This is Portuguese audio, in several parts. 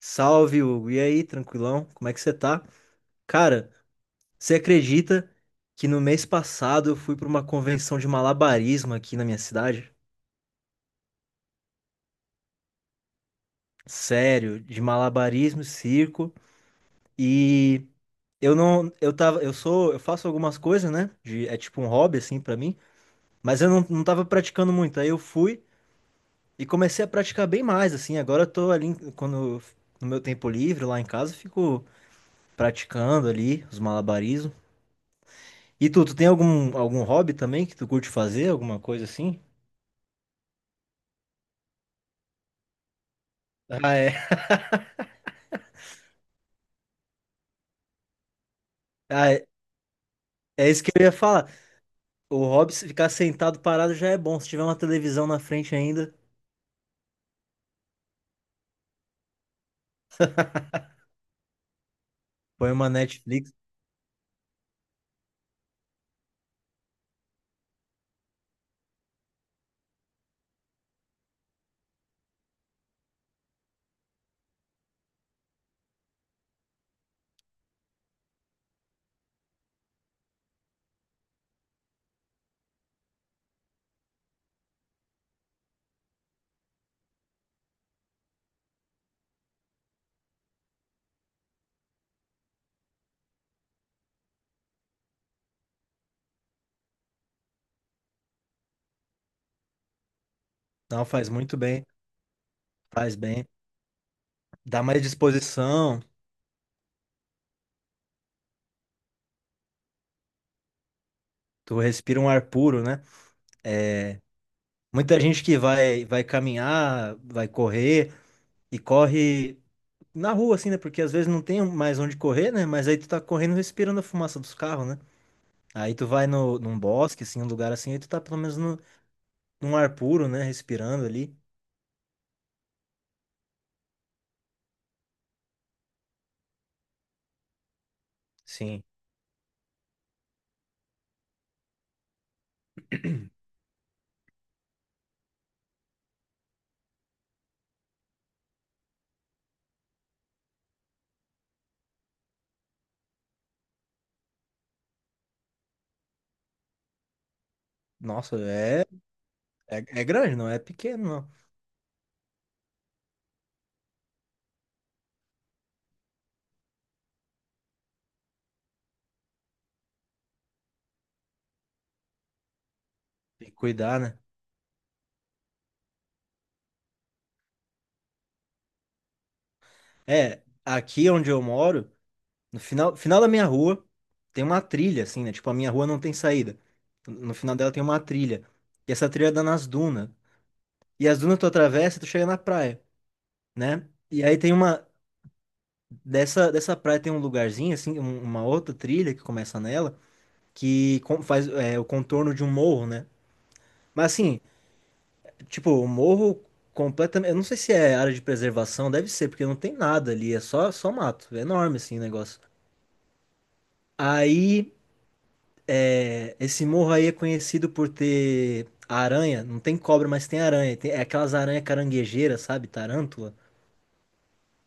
Salve, Hugo. E aí, tranquilão? Como é que você tá? Cara, você acredita que no mês passado eu fui pra uma convenção de malabarismo aqui na minha cidade? Sério, de malabarismo, circo e eu não, eu tava, eu sou, eu faço algumas coisas, né? É tipo um hobby assim pra mim, mas eu não, não tava praticando muito. Aí eu fui e comecei a praticar bem mais assim. Agora eu tô ali em- quando no meu tempo livre lá em casa, eu fico praticando ali os malabarismos. E tu tem algum hobby também que tu curte fazer? Alguma coisa assim? Ah, é. Ah, é isso que eu ia falar. O hobby, se ficar sentado parado já é bom. Se tiver uma televisão na frente ainda, põe uma Netflix. Não, faz muito bem. Faz bem. Dá mais disposição. Tu respira um ar puro, né? É, muita gente que vai caminhar, vai correr e corre na rua, assim, né? Porque às vezes não tem mais onde correr, né? Mas aí tu tá correndo respirando a fumaça dos carros, né? Aí tu vai no, num bosque, assim, um lugar assim, aí tu tá pelo menos no, num ar puro, né? Respirando ali. Sim. Nossa, é, é grande, não é pequeno, não. Tem que cuidar, né? É, aqui onde eu moro, no final, final da minha rua, tem uma trilha, assim, né? Tipo, a minha rua não tem saída. No final dela tem uma trilha. E essa trilha dá nas dunas. E as dunas tu atravessa e tu chega na praia, né? E aí tem uma. Dessa praia tem um lugarzinho, assim, uma outra trilha que começa nela. Faz é, o contorno de um morro, né? Mas assim, tipo, o morro completamente. Eu não sei se é área de preservação, deve ser, porque não tem nada ali, é só mato. É enorme assim o negócio. Aí, é, esse morro aí é conhecido por ter aranha, não tem cobra, mas tem aranha. Tem, é aquelas aranhas caranguejeiras, sabe? Tarântula.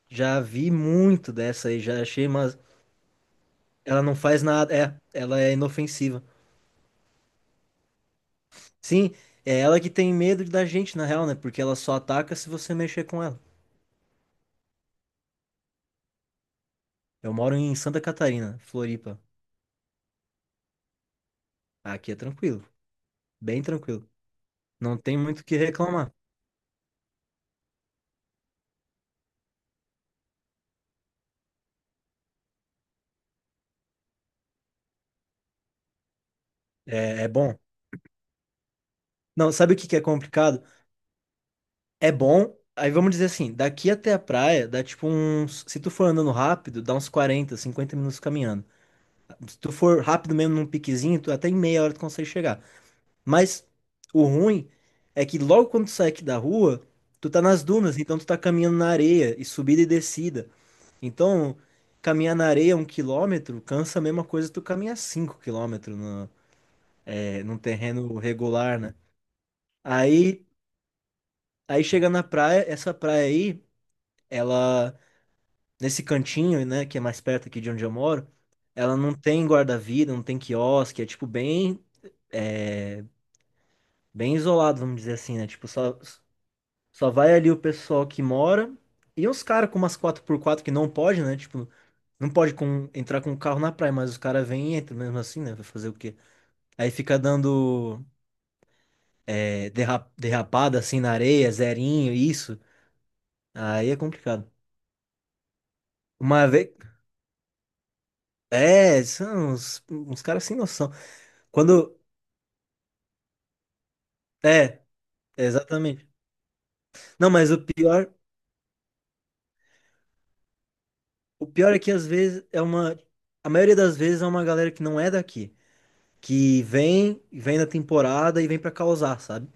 Já vi muito dessa aí, já achei, mas ela não faz nada. É, ela é inofensiva. Sim, é ela que tem medo da gente, na real, né? Porque ela só ataca se você mexer com ela. Eu moro em Santa Catarina, Floripa. Aqui é tranquilo, bem tranquilo. Não tem muito o que reclamar. É, é bom. Não, sabe o que que é complicado? É bom. Aí vamos dizer assim, daqui até a praia dá tipo uns. Se tu for andando rápido, dá uns 40, 50 minutos caminhando. Se tu for rápido mesmo num piquezinho, tu, até em meia hora tu consegue chegar. Mas o ruim é que logo quando tu sai aqui da rua, tu tá nas dunas, então tu tá caminhando na areia e subida e descida. Então, caminhar na areia um quilômetro cansa a mesma coisa que tu caminhar cinco quilômetros no, é, num terreno regular, né? Aí, aí chega na praia, essa praia aí, ela, nesse cantinho, né, que é mais perto aqui de onde eu moro, ela não tem guarda-vida, não tem quiosque, é tipo bem, é, bem isolado, vamos dizer assim, né? Tipo, só, só vai ali o pessoal que mora e uns caras com umas quatro por quatro que não pode, né? Tipo, não pode com, entrar com o carro na praia, mas os caras vêm e entram mesmo assim, né? Vai fazer o quê? Aí fica dando é, derrapada assim na areia, zerinho, isso. Aí é complicado. Uma vez. É, são uns caras sem noção. Quando. É, exatamente. Não, mas o pior é que às vezes é uma. A maioria das vezes é uma galera que não é daqui. Que vem na temporada e vem pra causar, sabe?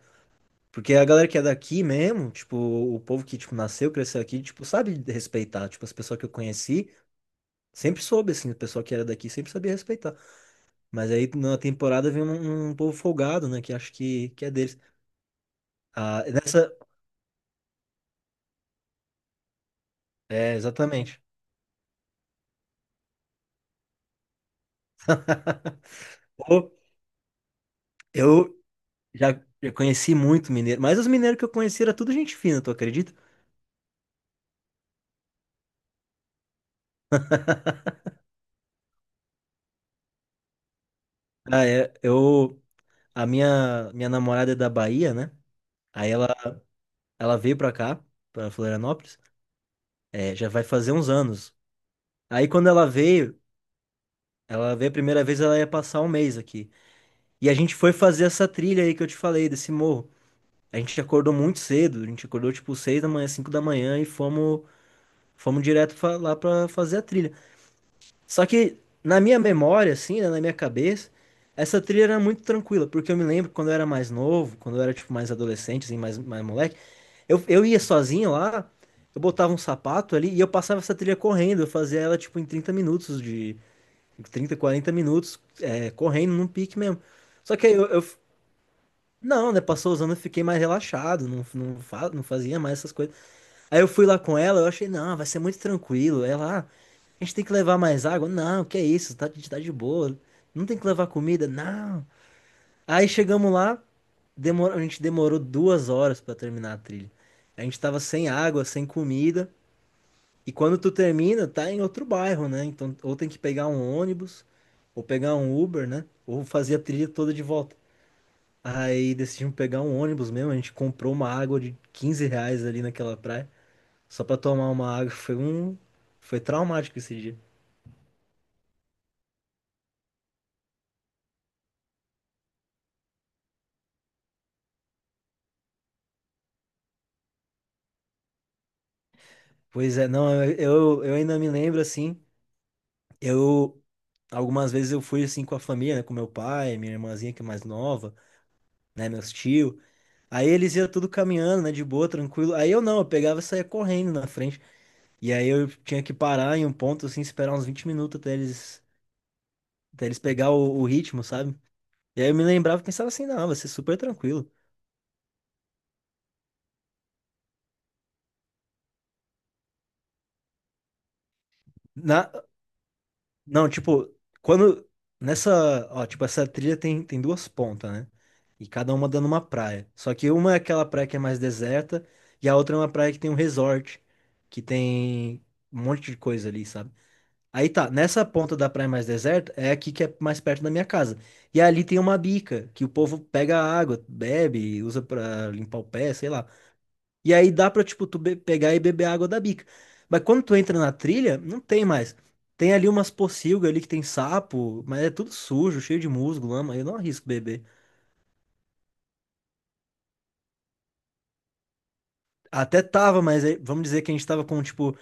Porque a galera que é daqui mesmo, tipo, o povo que, tipo, nasceu, cresceu aqui, tipo, sabe respeitar. Tipo, as pessoas que eu conheci, sempre soube, assim, o pessoal que era daqui sempre sabia respeitar. Mas aí na temporada vem um povo folgado, né? Que acho que é deles. Ah, nessa. É, exatamente. Pô, eu já, já conheci muito mineiro, mas os mineiros que eu conheci era tudo gente fina, tu acredita? Ah, é, eu, minha namorada é da Bahia, né? Aí ela veio pra cá, pra Florianópolis, é, já vai fazer uns anos. Aí quando ela veio a primeira vez, ela ia passar um mês aqui. E a gente foi fazer essa trilha aí que eu te falei, desse morro. A gente acordou muito cedo, a gente acordou tipo 6 da manhã, 5 da manhã e fomos direto pra, lá pra fazer a trilha. Só que na minha memória, assim, né, na minha cabeça, essa trilha era muito tranquila, porque eu me lembro quando eu era mais novo, quando eu era tipo mais adolescente, assim, mais moleque, eu ia sozinho lá, eu botava um sapato ali e eu passava essa trilha correndo, eu fazia ela tipo em 30 minutos de 30 40 minutos, é, correndo num pique mesmo. Só que aí não, né? Passou os anos, eu fiquei mais relaxado, não fazia mais essas coisas. Aí eu fui lá com ela, eu achei, não, vai ser muito tranquilo. Ela, ah, a gente tem que levar mais água? Não, que é isso, tá, a gente tá de boa. Não tem que levar comida? Não. Aí chegamos lá, a gente demorou duas horas pra terminar a trilha. A gente tava sem água, sem comida. E quando tu termina, tá em outro bairro, né? Então, ou tem que pegar um ônibus, ou pegar um Uber, né? Ou fazer a trilha toda de volta. Aí decidimos pegar um ônibus mesmo, a gente comprou uma água de 15 reais ali naquela praia. Só pra tomar uma água foi um. Foi traumático esse dia. Pois é, não, eu ainda me lembro assim. Eu. Algumas vezes eu fui assim com a família, né? Com meu pai, minha irmãzinha que é mais nova, né? Meus tio. Aí eles iam tudo caminhando, né? De boa, tranquilo. Aí eu não, eu pegava e saía correndo na frente. E aí eu tinha que parar em um ponto, assim, esperar uns 20 minutos até eles pegar o ritmo, sabe? E aí eu me lembrava e pensava assim, não, vai ser super tranquilo. Na, não, tipo, quando. Nessa. Ó, tipo, essa trilha tem duas pontas, né? E cada uma dando uma praia. Só que uma é aquela praia que é mais deserta, e a outra é uma praia que tem um resort, que tem um monte de coisa ali, sabe? Aí tá, nessa ponta da praia mais deserta é aqui que é mais perto da minha casa. E ali tem uma bica, que o povo pega a água, bebe, usa pra limpar o pé, sei lá. E aí dá pra, tipo, pegar e beber água da bica. Mas quando tu entra na trilha, não tem mais. Tem ali umas pocilgas ali que tem sapo, mas é tudo sujo, cheio de musgo, lama. Eu não arrisco beber. Até tava, mas aí- vamos dizer que a gente tava com, tipo,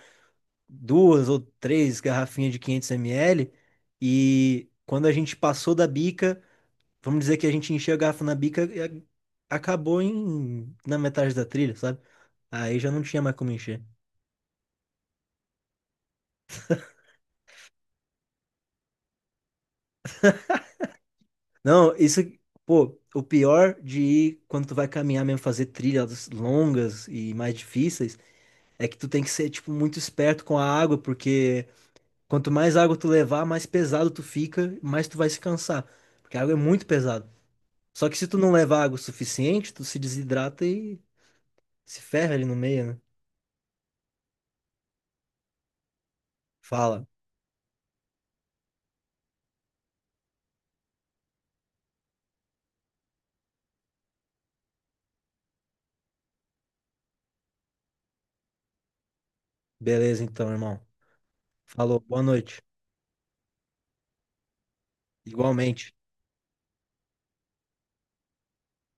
duas ou três garrafinhas de 500 ml. E quando a gente passou da bica, vamos dizer que a gente encheu a garrafa na bica e acabou em, na metade da trilha, sabe? Aí já não tinha mais como encher. Não, isso, pô, o pior de ir quando tu vai caminhar mesmo, fazer trilhas longas e mais difíceis, é que tu tem que ser, tipo, muito esperto com a água, porque quanto mais água tu levar, mais pesado tu fica, mais tu vai se cansar, porque a água é muito pesada. Só que se tu não levar água o suficiente, tu se desidrata e se ferra ali no meio, né? Fala. Beleza, então, irmão. Falou, boa noite. Igualmente.